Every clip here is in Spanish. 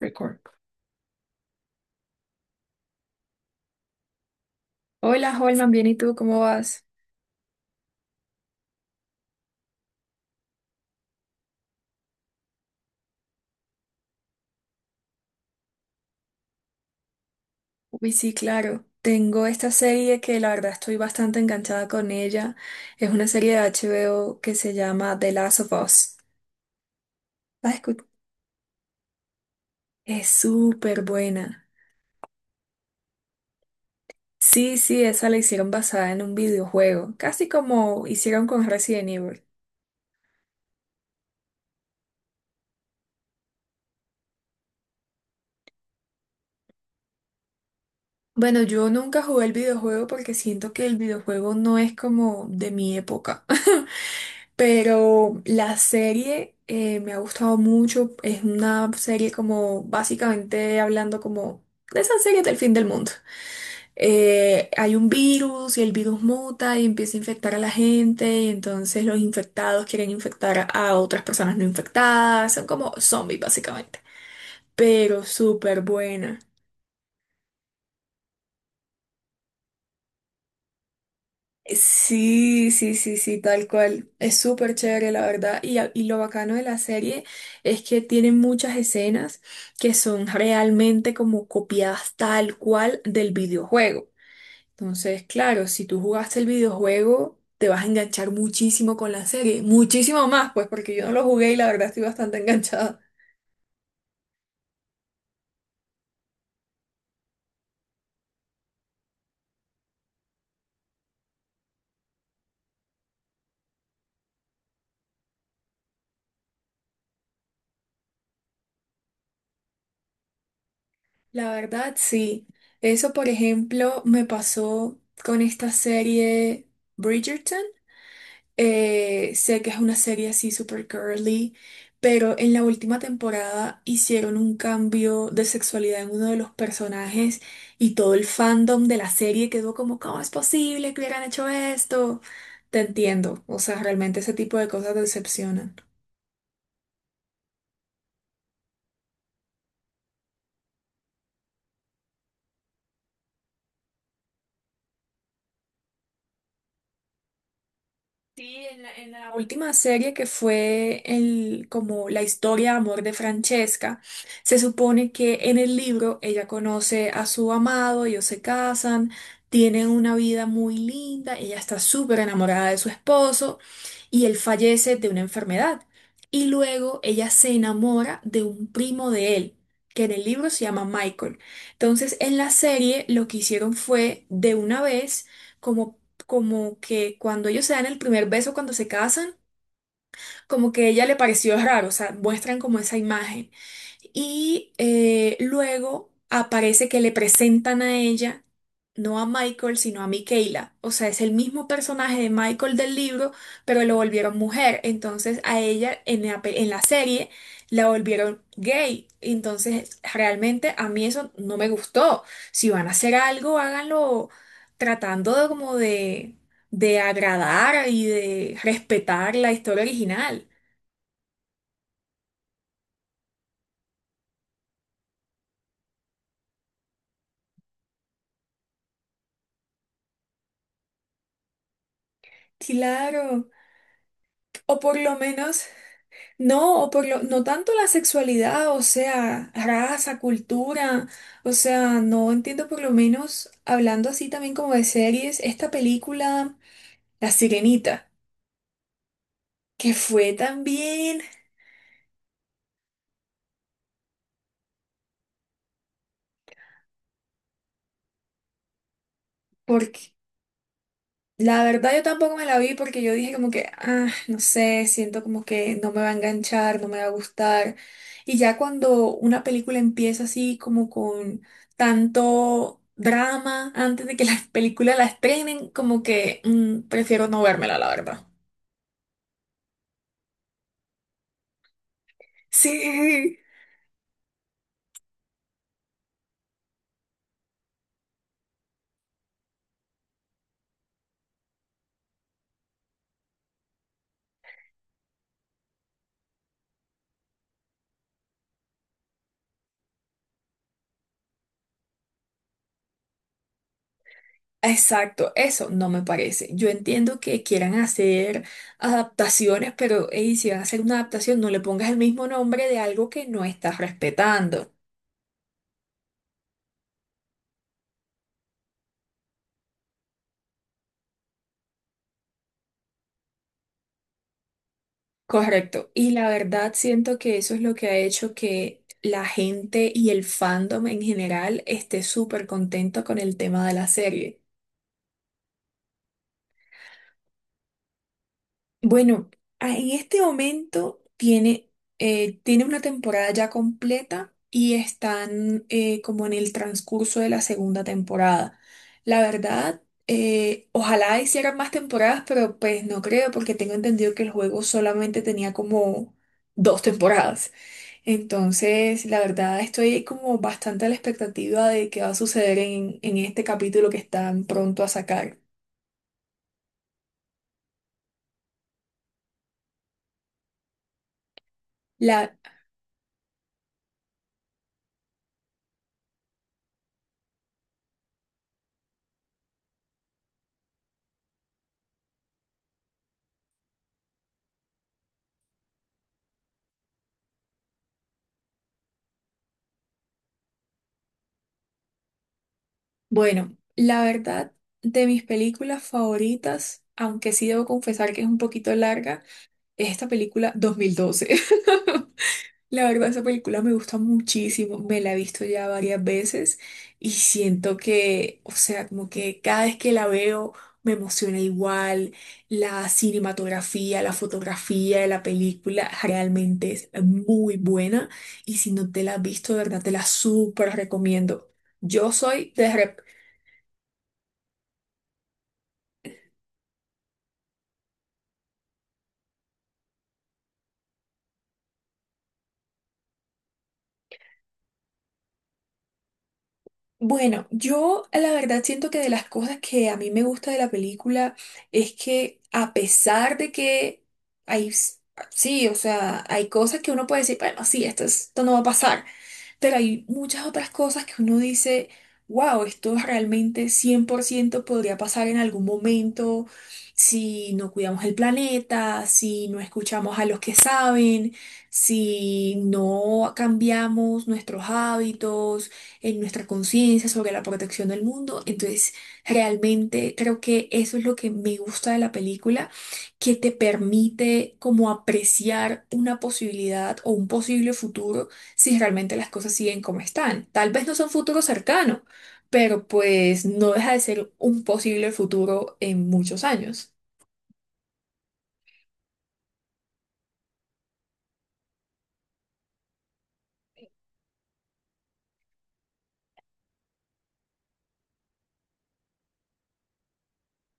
Record. Hola, Holman, bien, ¿y tú cómo vas? Uy, sí, claro. Tengo esta serie que la verdad estoy bastante enganchada con ella. Es una serie de HBO que se llama The Last of Us. ¿La has escu- Es súper buena. Sí, sí, esa la hicieron basada en un videojuego, casi como hicieron con Resident Evil. Bueno, yo nunca jugué el videojuego porque siento que el videojuego no es como de mi época. Pero la serie me ha gustado mucho. Es una serie como básicamente hablando como de esas series del fin del mundo. Hay un virus y el virus muta y empieza a infectar a la gente y entonces los infectados quieren infectar a otras personas no infectadas. Son como zombies básicamente. Pero súper buena. Sí, sí, sí, sí, tal cual. Es súper chévere, la verdad. Y, a- y lo bacano de la serie es que tiene muchas escenas que son realmente como copiadas tal cual del videojuego. Entonces, claro, si tú jugaste el videojuego, te vas a enganchar muchísimo con la serie. Muchísimo más, pues, porque yo no lo jugué y la verdad estoy bastante enganchada. La verdad, sí. Eso, por ejemplo, me pasó con esta serie. Bridgerton. Sé que es una serie así super curly, pero en la última temporada hicieron un cambio de sexualidad en uno de los personajes y todo el fandom de la serie quedó como, ¿cómo es posible que hubieran hecho esto? Te entiendo, o sea, realmente ese tipo de cosas decepcionan. Sí, en la última serie que fue el, como la historia de amor de Francesca, se supone que en el libro ella conoce a su amado, ellos se casan, tienen una vida muy linda, ella está súper enamorada de su esposo y él fallece de una enfermedad. Y luego ella se enamora de un primo de él, que en el libro se llama Michael. Entonces, en la serie lo que hicieron fue de una vez como como que cuando ellos se dan el primer beso, cuando se casan, como que a ella le pareció raro, o sea, muestran como esa imagen. Y luego aparece que le presentan a ella, no a Michael, sino a Michaela. O sea, es el mismo personaje de Michael del libro, pero lo volvieron mujer. Entonces a ella en la, pe- en la serie la volvieron gay. Entonces realmente a mí eso no me gustó. Si van a hacer algo, háganlo tratando de como de agradar y de respetar la historia original. Claro, o por lo menos, no, o por lo, no tanto la sexualidad, o sea, raza, cultura, o sea, no entiendo por lo menos, hablando así también como de series, esta película, La Sirenita, que fue también, porque la verdad yo tampoco me la vi porque yo dije como que, ah, no sé, siento como que no me va a enganchar, no me va a gustar. Y ya cuando una película empieza así como con tanto drama antes de que la película la estrenen, como que mm, prefiero no vérmela, la verdad. Sí, exacto, eso no me parece. Yo entiendo que quieran hacer adaptaciones, pero ey, si van a hacer una adaptación, no le pongas el mismo nombre de algo que no estás respetando. Correcto. Y la verdad siento que eso es lo que ha hecho que la gente y el fandom en general esté súper contento con el tema de la serie. Bueno, a- en este momento tiene, tiene una temporada ya completa y están como en el transcurso de la segunda temporada. La verdad, ojalá hicieran más temporadas, pero pues no creo porque tengo entendido que el juego solamente tenía como dos temporadas. Entonces, la verdad, estoy como bastante a la expectativa de qué va a suceder en este capítulo que están pronto a sacar. La, bueno, la verdad, de mis películas favoritas, aunque sí debo confesar que es un poquito larga, es esta película 2012. La verdad, esa película me gusta muchísimo, me la he visto ya varias veces y siento que, o sea, como que cada vez que la veo me emociona igual, la cinematografía, la fotografía de la película realmente es muy buena y si no te la has visto, de verdad, te la súper recomiendo. Yo soy de bueno, yo la verdad siento que de las cosas que a mí me gusta de la película es que a pesar de que hay, s- sí, o sea, hay cosas que uno puede decir, bueno, sí, esto, es- esto no va a pasar, pero hay muchas otras cosas que uno dice, wow, esto realmente 100% podría pasar en algún momento si no cuidamos el planeta, si no escuchamos a los que saben, si no cambiamos nuestros hábitos, en nuestra conciencia sobre la protección del mundo. Entonces, realmente creo que eso es lo que me gusta de la película que te permite como apreciar una posibilidad o un posible futuro si realmente las cosas siguen como están. Tal vez no son futuro cercano, pero pues no deja de ser un posible futuro en muchos años.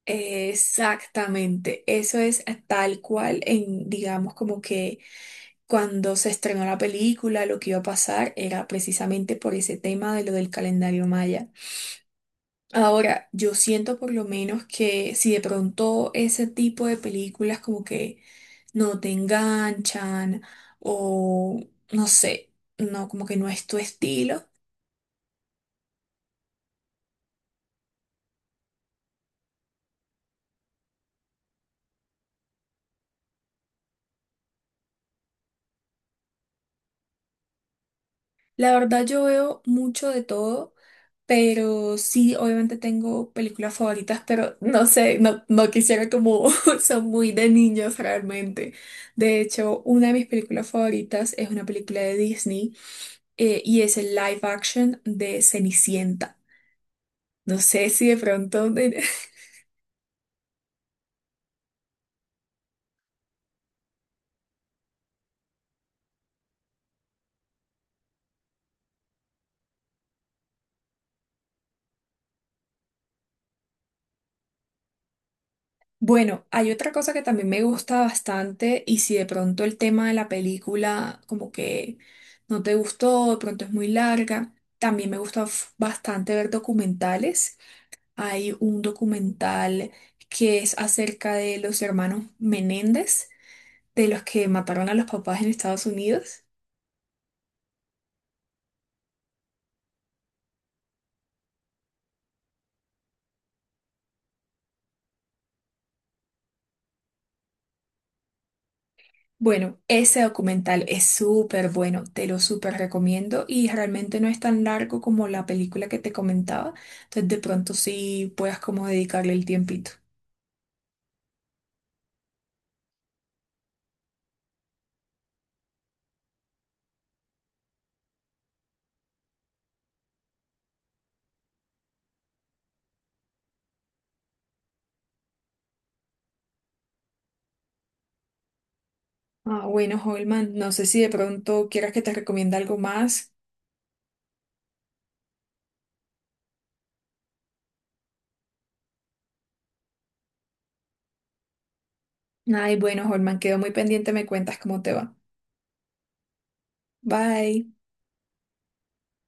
Exactamente, eso es tal cual en, digamos, como que cuando se estrenó la película, lo que iba a pasar era precisamente por ese tema de lo del calendario maya. Ahora, yo siento por lo menos que si de pronto ese tipo de películas como que no te enganchan o no sé, no, como que no es tu estilo. La verdad yo veo mucho de todo, pero sí, obviamente tengo películas favoritas, pero no sé, no, no quisiera como son muy de niños realmente. De hecho, una de mis películas favoritas es una película de Disney y es el live action de Cenicienta. No sé si de pronto... de- Bueno, hay otra cosa que también me gusta bastante y si de pronto el tema de la película como que no te gustó, de pronto es muy larga, también me gusta f- bastante ver documentales. Hay un documental que es acerca de los hermanos Menéndez, de los que mataron a los papás en Estados Unidos. Bueno, ese documental es súper bueno, te lo súper recomiendo y realmente no es tan largo como la película que te comentaba, entonces de pronto sí puedas como dedicarle el tiempito. Ah, bueno, Holman, no sé si de pronto quieras que te recomiende algo más. Ay, bueno, Holman, quedo muy pendiente, me cuentas cómo te va. Bye.